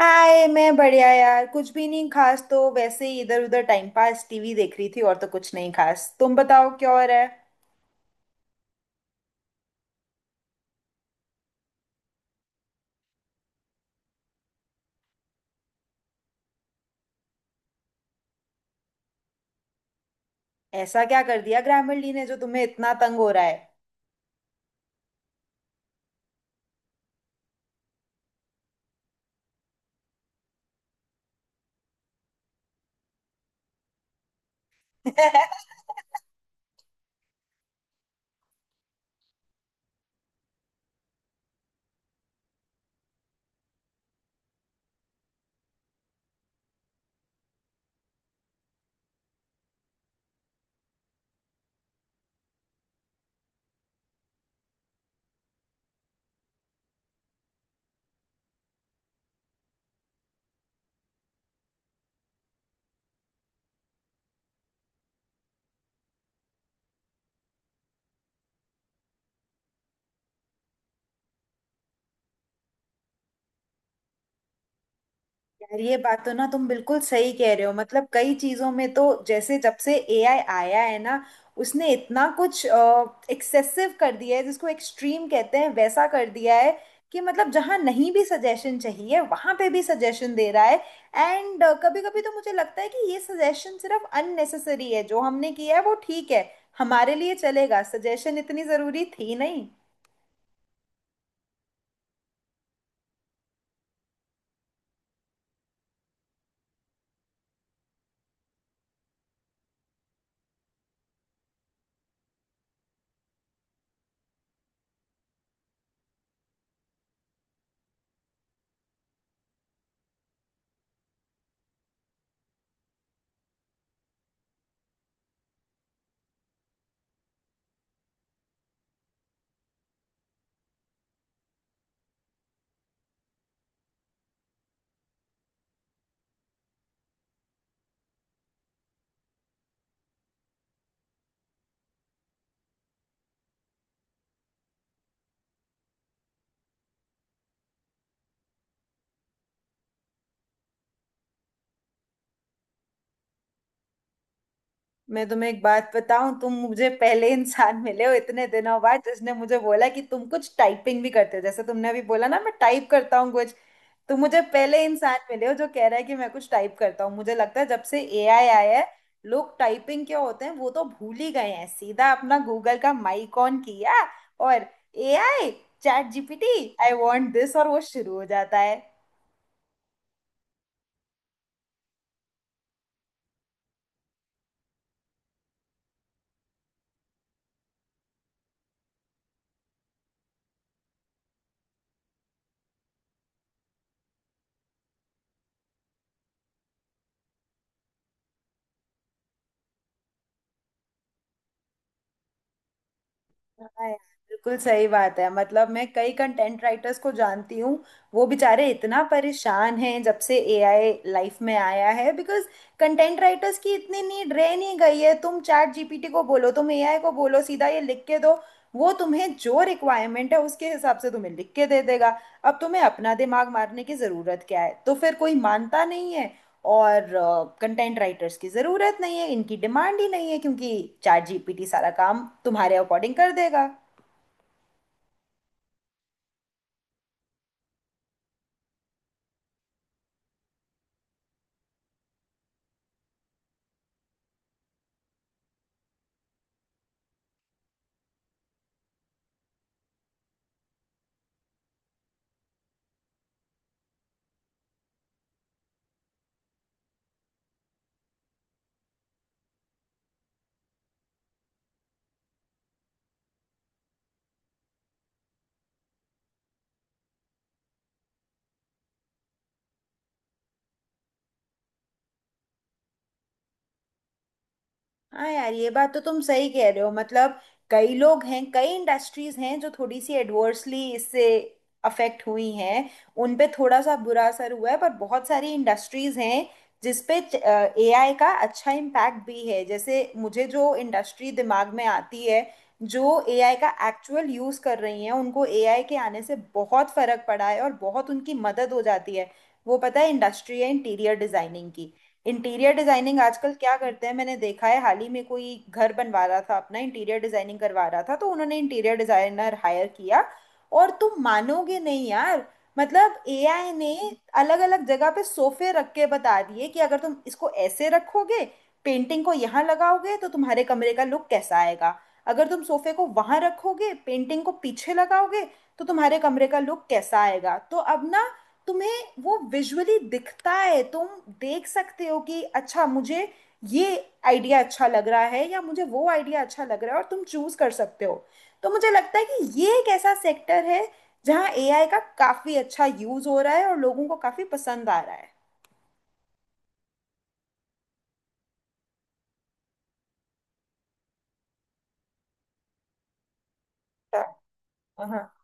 हाय, मैं बढ़िया यार। कुछ भी नहीं खास, तो वैसे ही इधर उधर टाइम पास, टीवी देख रही थी। और तो कुछ नहीं खास, तुम बताओ क्या हो रहा है। ऐसा क्या कर दिया ग्रामीण ली ने जो तुम्हें इतना तंग हो रहा है। यार ये बात तो ना, तुम बिल्कुल सही कह रहे हो। मतलब कई चीजों में तो, जैसे जब से एआई आया है ना, उसने इतना कुछ एक्सेसिव कर दिया है, जिसको एक्सट्रीम कहते हैं वैसा कर दिया है कि मतलब जहाँ नहीं भी सजेशन चाहिए वहां पे भी सजेशन दे रहा है। एंड कभी कभी तो मुझे लगता है कि ये सजेशन सिर्फ अननेसेसरी है। जो हमने किया है वो ठीक है, हमारे लिए चलेगा, सजेशन इतनी जरूरी थी नहीं। मैं तुम्हें एक बात बताऊं, तुम मुझे पहले इंसान मिले हो इतने दिनों बाद जिसने मुझे बोला कि तुम कुछ टाइपिंग भी करते हो। जैसे तुमने अभी बोला ना, मैं टाइप करता हूँ कुछ। तुम मुझे पहले इंसान मिले हो जो कह रहा है कि मैं कुछ टाइप करता हूँ। मुझे लगता है जब से एआई आया है, लोग टाइपिंग क्या होते हैं वो तो भूल ही गए हैं। सीधा अपना गूगल का माइक ऑन किया, और AI, chat GPT, I want this, और वो शुरू हो जाता है। हाँ यार, बिल्कुल सही बात है। मतलब मैं कई कंटेंट राइटर्स को जानती हूँ। वो बेचारे इतना परेशान हैं जब से एआई लाइफ में आया है, बिकॉज कंटेंट राइटर्स की इतनी नीड रह नहीं गई है। तुम चैट जीपीटी को बोलो, तुम एआई को बोलो, सीधा ये लिख के दो। वो तुम्हें जो रिक्वायरमेंट है उसके हिसाब से तुम्हें लिख के दे देगा। अब तुम्हें अपना दिमाग मारने की ज़रूरत क्या है। तो फिर कोई मानता नहीं है और कंटेंट राइटर्स की ज़रूरत नहीं है, इनकी डिमांड ही नहीं है, क्योंकि चैट जीपीटी सारा काम तुम्हारे अकॉर्डिंग कर देगा। हाँ यार, ये बात तो तुम सही कह रहे हो। मतलब कई लोग हैं, कई इंडस्ट्रीज हैं जो थोड़ी सी एडवर्सली इससे अफेक्ट हुई हैं, उन पे थोड़ा सा बुरा असर हुआ है। पर बहुत सारी इंडस्ट्रीज हैं जिसपे एआई का अच्छा इम्पैक्ट भी है। जैसे मुझे जो इंडस्ट्री दिमाग में आती है, जो एआई का एक्चुअल यूज कर रही हैं, उनको एआई के आने से बहुत फर्क पड़ा है और बहुत उनकी मदद हो जाती है। वो पता है इंडस्ट्री है, इंटीरियर डिजाइनिंग की। इंटीरियर डिजाइनिंग आजकल क्या करते हैं, मैंने देखा है हाल ही में, कोई घर बनवा रहा था अपना, इंटीरियर डिजाइनिंग करवा रहा था, तो उन्होंने इंटीरियर डिजाइनर हायर किया। और तुम मानोगे नहीं यार, मतलब एआई ने अलग अलग जगह पे सोफे रख के बता दिए कि अगर तुम इसको ऐसे रखोगे, पेंटिंग को यहाँ लगाओगे, तो तुम्हारे कमरे का लुक कैसा आएगा। अगर तुम सोफे को वहां रखोगे, पेंटिंग को पीछे लगाओगे, तो तुम्हारे कमरे का लुक कैसा आएगा। तो अब ना, तुम्हें वो विजुअली दिखता है, तुम देख सकते हो कि अच्छा, मुझे ये आइडिया अच्छा लग रहा है या मुझे वो आइडिया अच्छा लग रहा है, और तुम चूज कर सकते हो। तो मुझे लगता है कि ये एक ऐसा सेक्टर है जहाँ एआई का काफी अच्छा यूज हो रहा है और लोगों को काफी पसंद आ रहा है। हाँ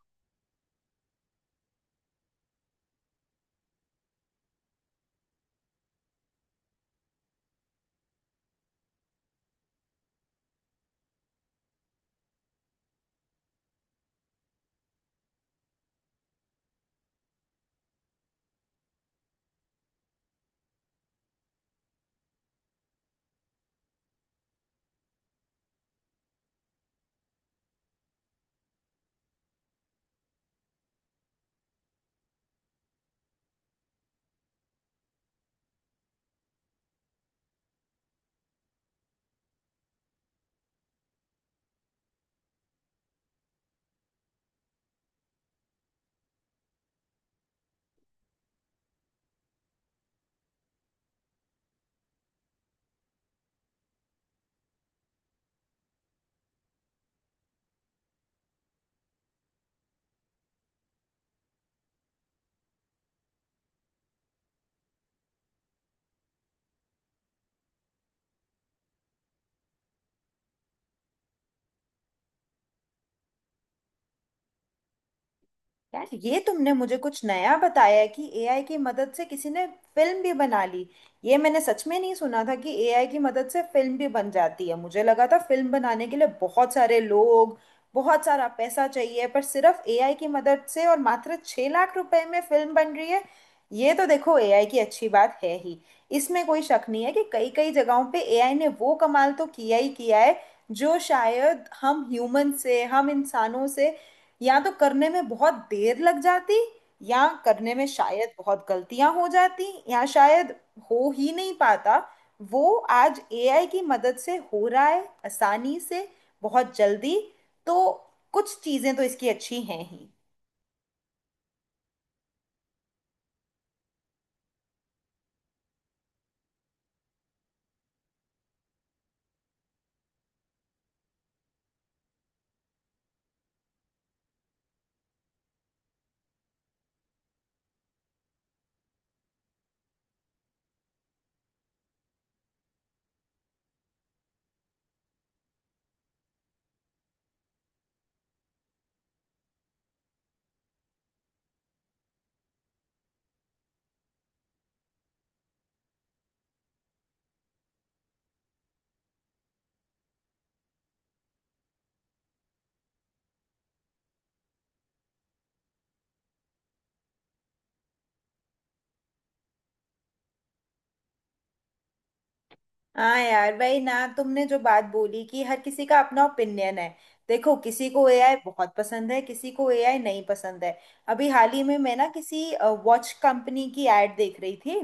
यार, ये तुमने मुझे कुछ नया बताया कि एआई की मदद से किसी ने फिल्म भी बना ली। ये मैंने सच में नहीं सुना था कि एआई की मदद से फिल्म भी बन जाती है। मुझे लगा था फिल्म बनाने के लिए बहुत सारे लोग, बहुत सारा पैसा चाहिए, पर सिर्फ एआई की मदद से और मात्र 6 लाख रुपए में फिल्म बन रही है। ये तो देखो, एआई की अच्छी बात है ही। इसमें कोई शक नहीं है कि कई कई जगहों पे एआई ने वो कमाल तो किया ही किया है, जो शायद हम ह्यूमन से, हम इंसानों से या तो करने में बहुत देर लग जाती, या करने में शायद बहुत गलतियां हो जाती, या शायद हो ही नहीं पाता, वो आज एआई की मदद से हो रहा है, आसानी से, बहुत जल्दी। तो कुछ चीजें तो इसकी अच्छी हैं ही। हाँ यार, वही ना, तुमने जो बात बोली कि हर किसी का अपना ओपिनियन है। देखो, किसी को एआई बहुत पसंद है, किसी को एआई नहीं पसंद है। अभी हाल ही में मैं ना, किसी वॉच कंपनी की एड देख रही थी।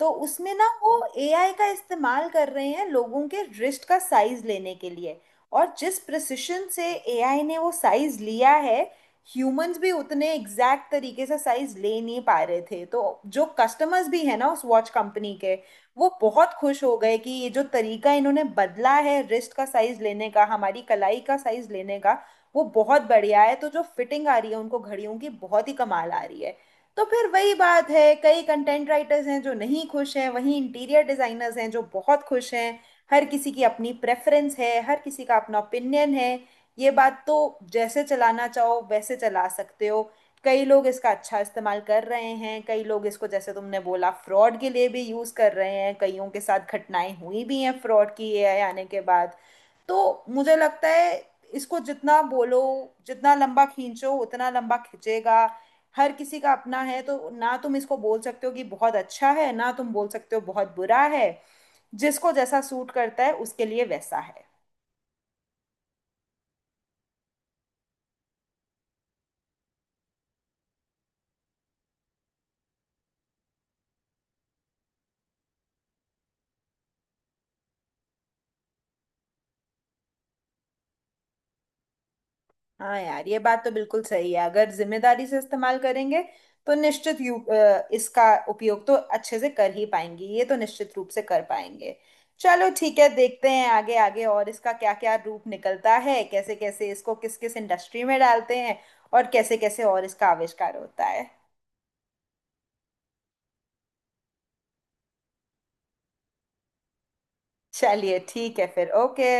तो उसमें ना वो एआई का इस्तेमाल कर रहे हैं लोगों के रिस्ट का साइज लेने के लिए। और जिस प्रिसिशन से एआई ने वो साइज लिया है, ह्यूमंस भी उतने एग्जैक्ट तरीके से साइज ले नहीं पा रहे थे। तो जो कस्टमर्स भी है ना उस वॉच कंपनी के, वो बहुत खुश हो गए कि ये जो तरीका इन्होंने बदला है रिस्ट का साइज लेने का, हमारी कलाई का साइज लेने का, वो बहुत बढ़िया है। तो जो फिटिंग आ रही है उनको घड़ियों की, बहुत ही कमाल आ रही है। तो फिर वही बात है, कई कंटेंट राइटर्स हैं जो नहीं खुश हैं, वहीं इंटीरियर डिजाइनर्स हैं जो बहुत खुश हैं। हर किसी की अपनी प्रेफरेंस है, हर किसी का अपना ओपिनियन है। ये बात तो जैसे चलाना चाहो वैसे चला सकते हो। कई लोग इसका अच्छा इस्तेमाल कर रहे हैं, कई लोग इसको जैसे तुमने बोला फ्रॉड के लिए भी यूज़ कर रहे हैं, कईयों के साथ घटनाएं हुई भी हैं फ्रॉड की, एआई आने के बाद। तो मुझे लगता है इसको जितना बोलो, जितना लंबा खींचो उतना लंबा खिंचेगा। हर किसी का अपना है, तो ना तुम इसको बोल सकते हो कि बहुत अच्छा है, ना तुम बोल सकते हो बहुत बुरा है। जिसको जैसा सूट करता है उसके लिए वैसा है। हाँ यार, ये बात तो बिल्कुल सही है, अगर जिम्मेदारी से इस्तेमाल करेंगे तो निश्चित इसका उपयोग तो अच्छे से कर ही पाएंगे, ये तो निश्चित रूप से कर पाएंगे। चलो ठीक है, देखते हैं आगे आगे और इसका क्या क्या रूप निकलता है, कैसे कैसे इसको किस किस इंडस्ट्री में डालते हैं, और कैसे कैसे और इसका आविष्कार होता है। चलिए ठीक है फिर, ओके।